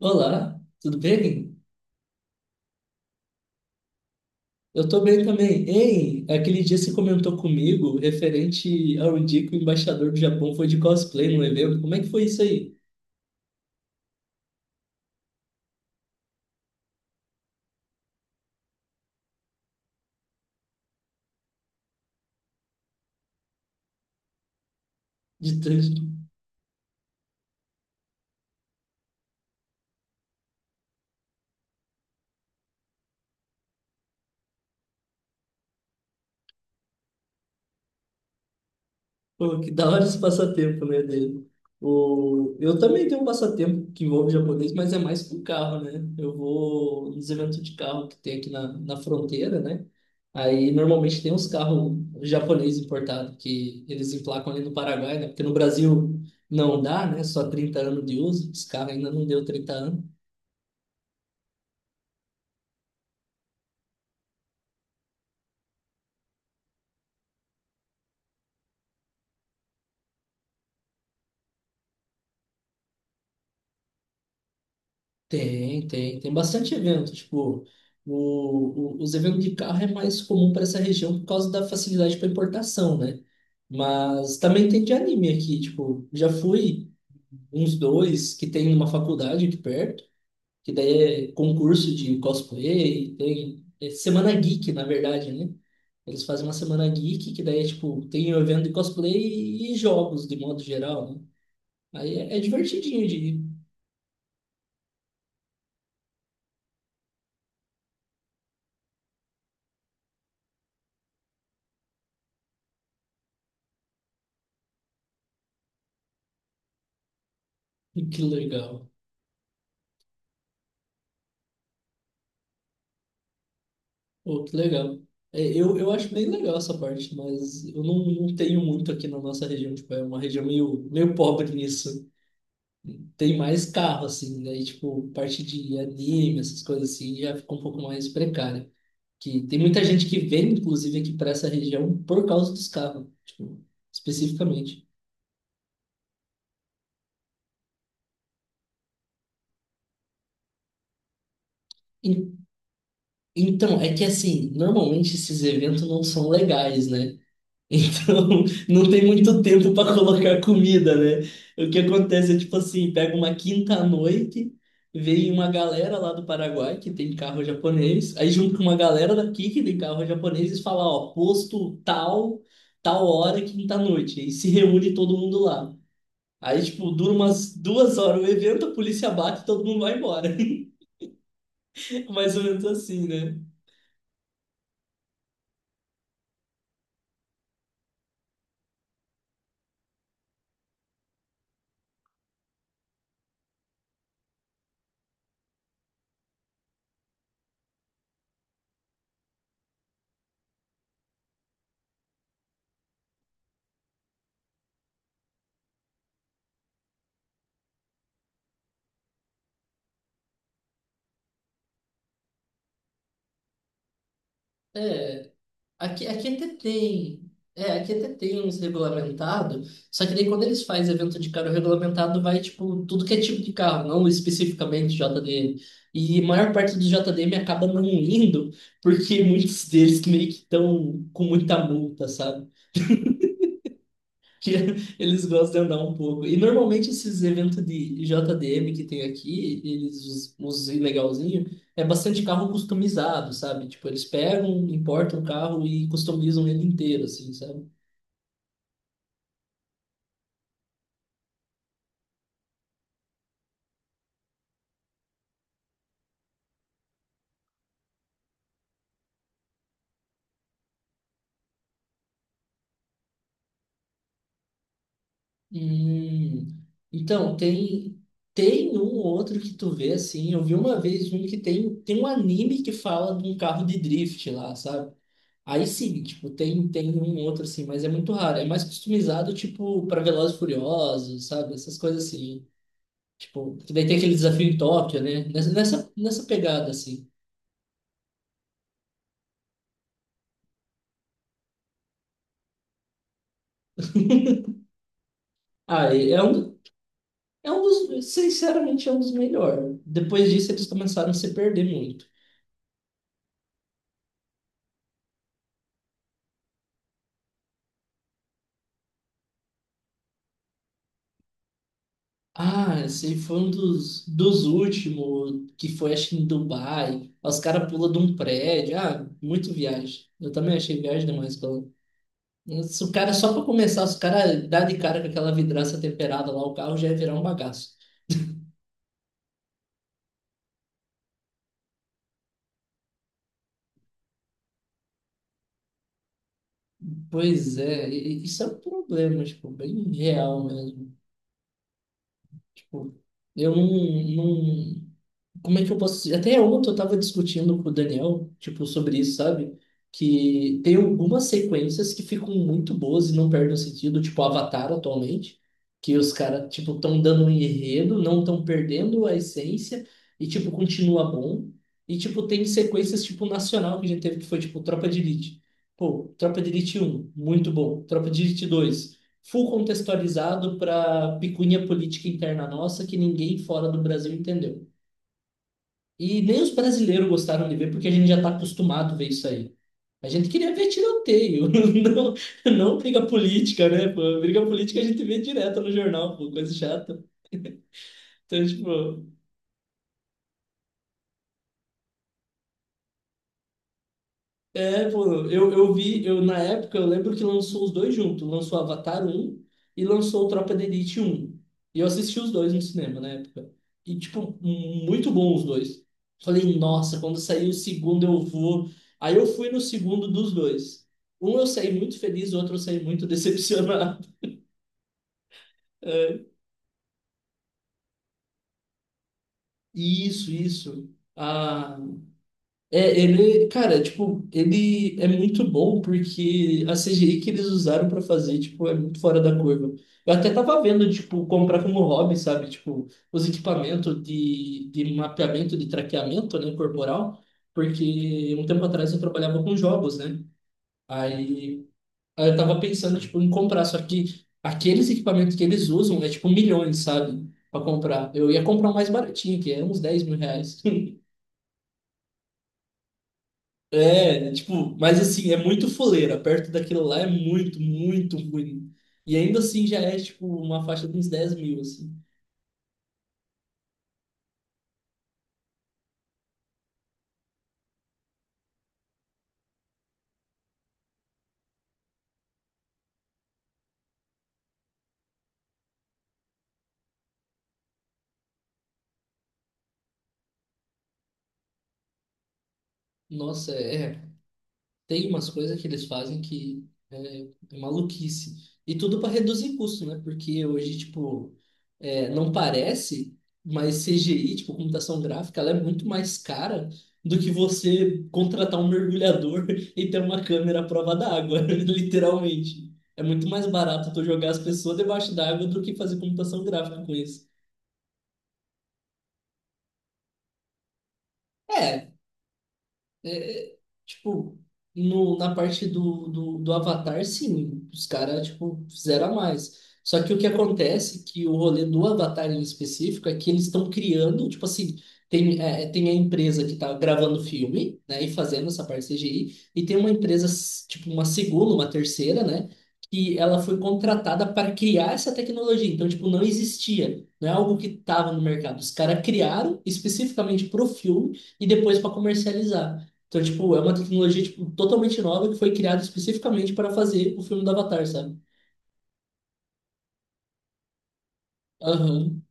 Olá, tudo bem? Eu tô bem também. Ei, aquele dia você comentou comigo referente ao dia que o embaixador do Japão foi de cosplay no evento. Como é que foi isso aí? De tanto. Pô, que da hora esse passatempo, né, dele. Eu também tenho um passatempo que envolve japonês, mas é mais com carro, né? Eu vou nos eventos de carro que tem aqui na fronteira, né? Aí normalmente tem uns carros japoneses importados que eles emplacam ali no Paraguai, né? Porque no Brasil não dá, né? Só 30 anos de uso, esse carro ainda não deu 30 anos. Tem bastante evento. Tipo, os eventos de carro é mais comum para essa região por causa da facilidade para importação, né? Mas também tem de anime aqui. Tipo, já fui uns dois que tem numa faculdade aqui perto, que daí é concurso de cosplay, tem é semana geek, na verdade, né? Eles fazem uma semana geek, que daí é tipo, tem um evento de cosplay e jogos de modo geral, né? Aí é divertidinho de ir. Que legal. Pô, que legal. É, eu acho bem legal essa parte, mas eu não tenho muito aqui na nossa região, tipo, é uma região meio pobre nisso. Tem mais carro, assim, daí, tipo, parte de anime, essas coisas assim, já fica um pouco mais precária. Que tem muita gente que vem, inclusive, aqui para essa região por causa dos carros, tipo, especificamente. En- Então, é que assim, normalmente esses eventos não são legais, né? Então, não tem muito tempo para colocar comida, né? O que acontece é tipo assim, pega uma quinta-noite, vem uma galera lá do Paraguai que tem carro japonês, aí junto com uma galera daqui que tem carro japonês e fala, ó, posto tal, tal hora, quinta-noite, e se reúne todo mundo lá. Aí, tipo, dura umas 2 horas o evento, a polícia bate e todo mundo vai embora. Mais ou menos assim, né? Aqui até tem. É, aqui até tem uns regulamentados, só que daí quando eles fazem evento de carro regulamentado, vai, tipo, tudo que é tipo de carro, não especificamente JDM. E a maior parte do JDM acaba não indo, porque muitos deles meio que estão com muita multa, sabe? Que eles gostam de andar um pouco. E normalmente esses eventos de JDM que tem aqui, eles, os ilegalzinhos, é bastante carro customizado, sabe? Tipo, eles pegam, importam o carro e customizam ele inteiro, assim, sabe? Hum, então, tem um ou outro que tu vê, assim, eu vi uma vez um que tem, tem um anime que fala de um carro de drift lá, sabe? Aí sim, tipo, tem um outro assim, mas é muito raro. É mais customizado, tipo, para Velozes e Furiosos, sabe? Essas coisas assim. Tipo, que daí tem aquele desafio em Tóquio, né? Nessa pegada, assim. Ah, e é um dos, sinceramente, é um dos melhores. Depois disso, eles começaram a se perder muito. Ah, esse foi um dos últimos, que foi, acho que em Dubai. Os caras pulam de um prédio. Ah, muito viagem. Eu também achei viagem demais. Se o cara, só para começar, se o cara dá de cara com aquela vidraça temperada lá, o carro já ia virar um bagaço. Pois é, e isso é um problema, tipo, bem real mesmo. Tipo, eu não, como é que eu posso dizer? Até ontem eu tava discutindo com o Daniel, tipo, sobre isso, sabe? Que tem algumas sequências que ficam muito boas e não perdem o sentido, tipo Avatar atualmente, que os caras, tipo, estão dando um enredo, não estão perdendo a essência e, tipo, continua bom. E, tipo, tem sequências, tipo, nacional que a gente teve, que foi, tipo, Tropa de Elite. Pô, Tropa de Elite um muito bom. Tropa de Elite 2 full contextualizado para picuinha política interna nossa que ninguém fora do Brasil entendeu. E nem os brasileiros gostaram de ver, porque a gente já está acostumado a ver isso aí. A gente queria ver tiroteio, não, não briga política, né? Pô, briga política a gente vê direto no jornal, pô, coisa chata. Então, tipo, é, pô, eu vi, eu, na época, eu lembro que lançou os dois juntos. Lançou Avatar um e lançou Tropa de Elite um. E eu assisti os dois no cinema na época. E, tipo, muito bom os dois. Falei, nossa, quando sair o segundo eu vou. Aí eu fui no segundo dos dois. Um eu saí muito feliz, o outro eu saí muito decepcionado. É, isso, isso. Ah, é, ele, cara, tipo, ele é muito bom porque a CGI que eles usaram pra fazer, tipo, é muito fora da curva. Eu até tava vendo, tipo, comprar como hobby, sabe? Tipo, os equipamentos de mapeamento, de traqueamento, né, corporal, porque um tempo atrás eu trabalhava com jogos, né? Aí, aí eu tava pensando, tipo, em comprar, só que aqueles equipamentos que eles usam é, tipo, milhões, sabe? Pra comprar. Eu ia comprar o mais baratinho, que é uns R$ 10.000. É, tipo, mas assim, é muito foleira. Perto daquilo lá é muito, muito ruim. E ainda assim já é, tipo, uma faixa de uns 10 mil, assim. Nossa, é, tem umas coisas que eles fazem que é maluquice. E tudo para reduzir custo, né? Porque hoje, tipo, é, não parece, mas CGI, tipo, computação gráfica, ela é muito mais cara do que você contratar um mergulhador e ter uma câmera à prova d'água, literalmente. É muito mais barato tu jogar as pessoas debaixo d'água do que fazer computação gráfica com isso. é É, é, tipo, no, na parte do Avatar, sim, os caras, tipo, fizeram a mais. Só que o que acontece, que o rolê do Avatar em específico, é que eles estão criando, tipo assim, tem a empresa que tá gravando o filme, né, e fazendo essa parte CGI, e tem uma empresa, tipo, uma segunda, uma terceira, né, que ela foi contratada para criar essa tecnologia. Então, tipo, não existia, não é algo que estava no mercado. Os caras criaram especificamente pro filme e depois para comercializar. Então, tipo, é uma tecnologia, tipo, totalmente nova que foi criada especificamente para fazer o filme do Avatar, sabe? Aham.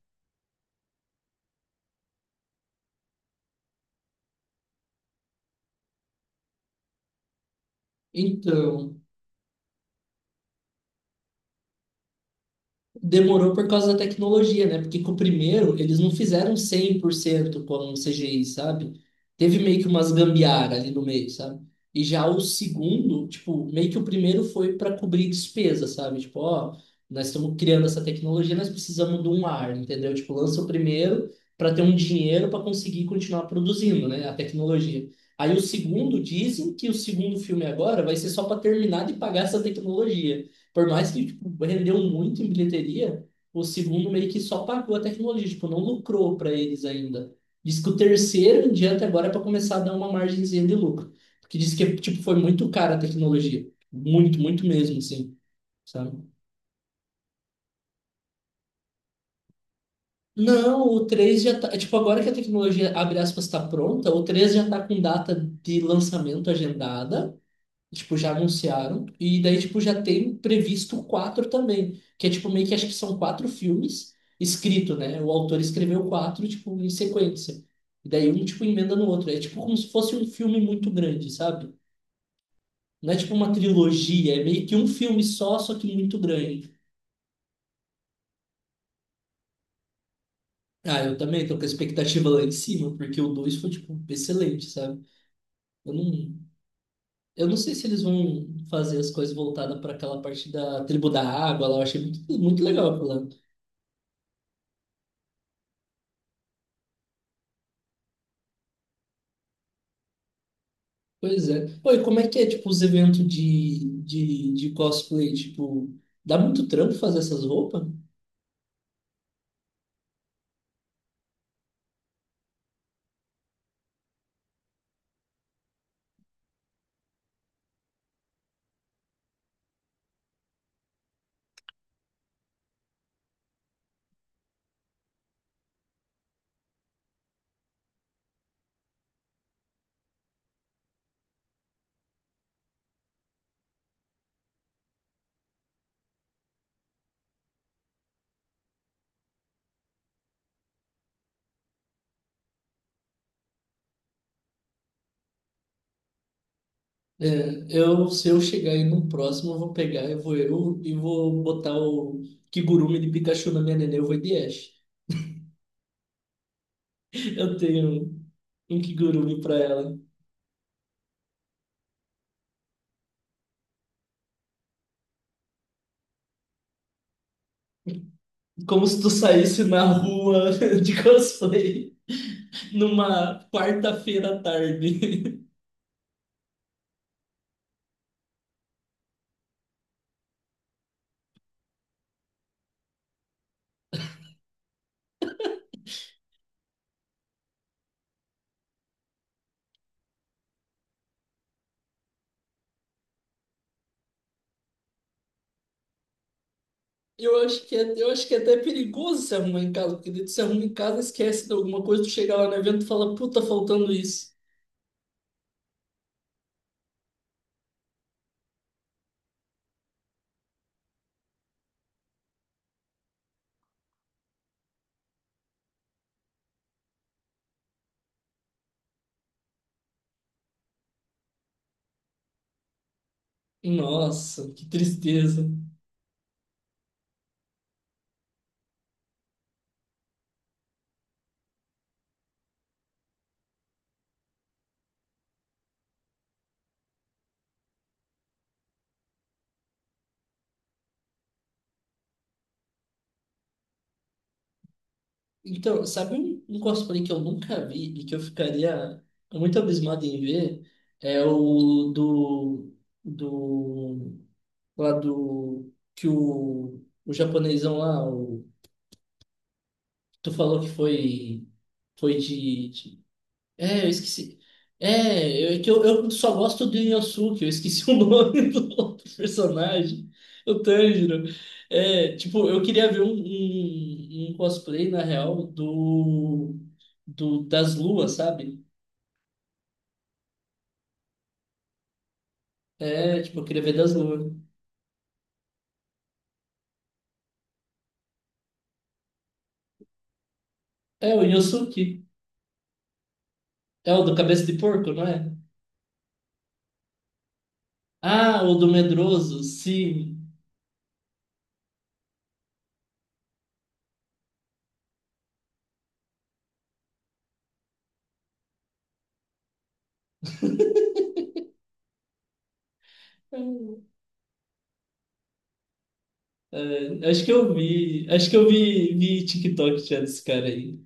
Então, demorou por causa da tecnologia, né? Porque com o primeiro, eles não fizeram 100% como um CGI, sabe? Teve meio que umas gambiarra ali no meio, sabe? E já o segundo, tipo, meio que o primeiro foi para cobrir despesa, sabe? Tipo, ó, nós estamos criando essa tecnologia, nós precisamos de um ar, entendeu? Tipo, lança o primeiro para ter um dinheiro para conseguir continuar produzindo, né? A tecnologia. Aí o segundo, dizem que o segundo filme agora vai ser só para terminar de pagar essa tecnologia. Por mais que, tipo, rendeu muito em bilheteria, o segundo meio que só pagou a tecnologia, tipo, não lucrou para eles ainda. Diz que o terceiro em diante agora é para começar a dar uma margenzinha de lucro. Porque diz que, tipo, foi muito cara a tecnologia. Muito, muito mesmo, assim, sabe? Não, o 3 já tá. Tipo, agora que a tecnologia, abre aspas, está pronta, o 3 já tá com data de lançamento agendada. E, tipo, já anunciaram, e daí, tipo, já tem previsto quatro também, que é, tipo, meio que acho que são quatro filmes escrito, né? O autor escreveu quatro, tipo, em sequência. E daí um, tipo, emenda no outro. É, tipo, como se fosse um filme muito grande, sabe? Não é, tipo, uma trilogia, é meio que um filme só, só que muito grande. Ah, eu também tô com a expectativa lá em cima, porque o dois foi, tipo, excelente, sabe? Eu não... Eu não sei se eles vão fazer as coisas voltadas para aquela parte da tribo da água lá. Eu achei muito, muito legal aquilo lá. Pois é. Pô, e como é que é, tipo, os eventos de, de cosplay? Tipo, dá muito trampo fazer essas roupas? É, eu, se eu chegar aí no próximo, eu vou pegar, eu vou eu e vou botar o Kigurumi de Pikachu na minha nenê, eu vou de Ash. Eu tenho um Kigurumi pra ela. Como se tu saísse na rua de cosplay numa quarta-feira à tarde. Eu acho que é até perigoso se arrumar em casa, porque daí tu se arruma em casa, esquece de alguma coisa, tu chega lá no evento e fala, puta, tá faltando isso. Nossa, que tristeza. Então, sabe um cosplay que eu nunca vi e que eu ficaria muito abismado em ver? É o do, do, lá do, que o japonesão lá, o, tu falou que foi, foi de É, eu esqueci. É, eu, é que eu só gosto do Inosuke, eu esqueci o nome do outro personagem, o Tanjiro. É, tipo, eu queria ver um cosplay, na real, do das luas, sabe? É, tipo, eu queria ver das luas. É, o Inosuke. É o do cabeça de porco, não é? Ah, o do medroso, sim. É, acho que eu vi. Acho que eu vi TikTok já desse cara aí.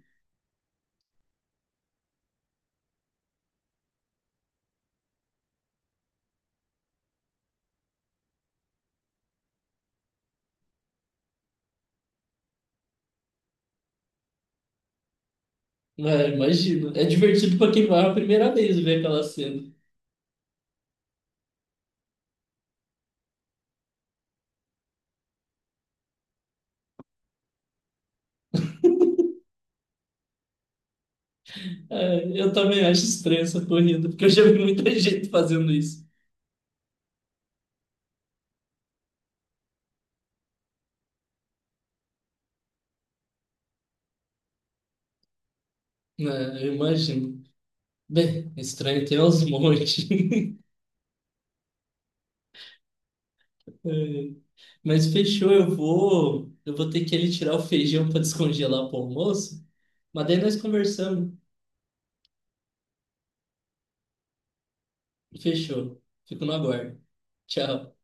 Ah, imagino. É divertido pra quem vai a primeira vez ver aquela cena. É, eu também acho estranha essa corrida, porque eu já vi muita gente fazendo isso. É, eu imagino. Bem, estranho tem aos montes. Mas fechou, eu vou ter que ali tirar o feijão para descongelar pro almoço. Mas daí nós conversamos. Fechou. Fico no aguardo. Tchau.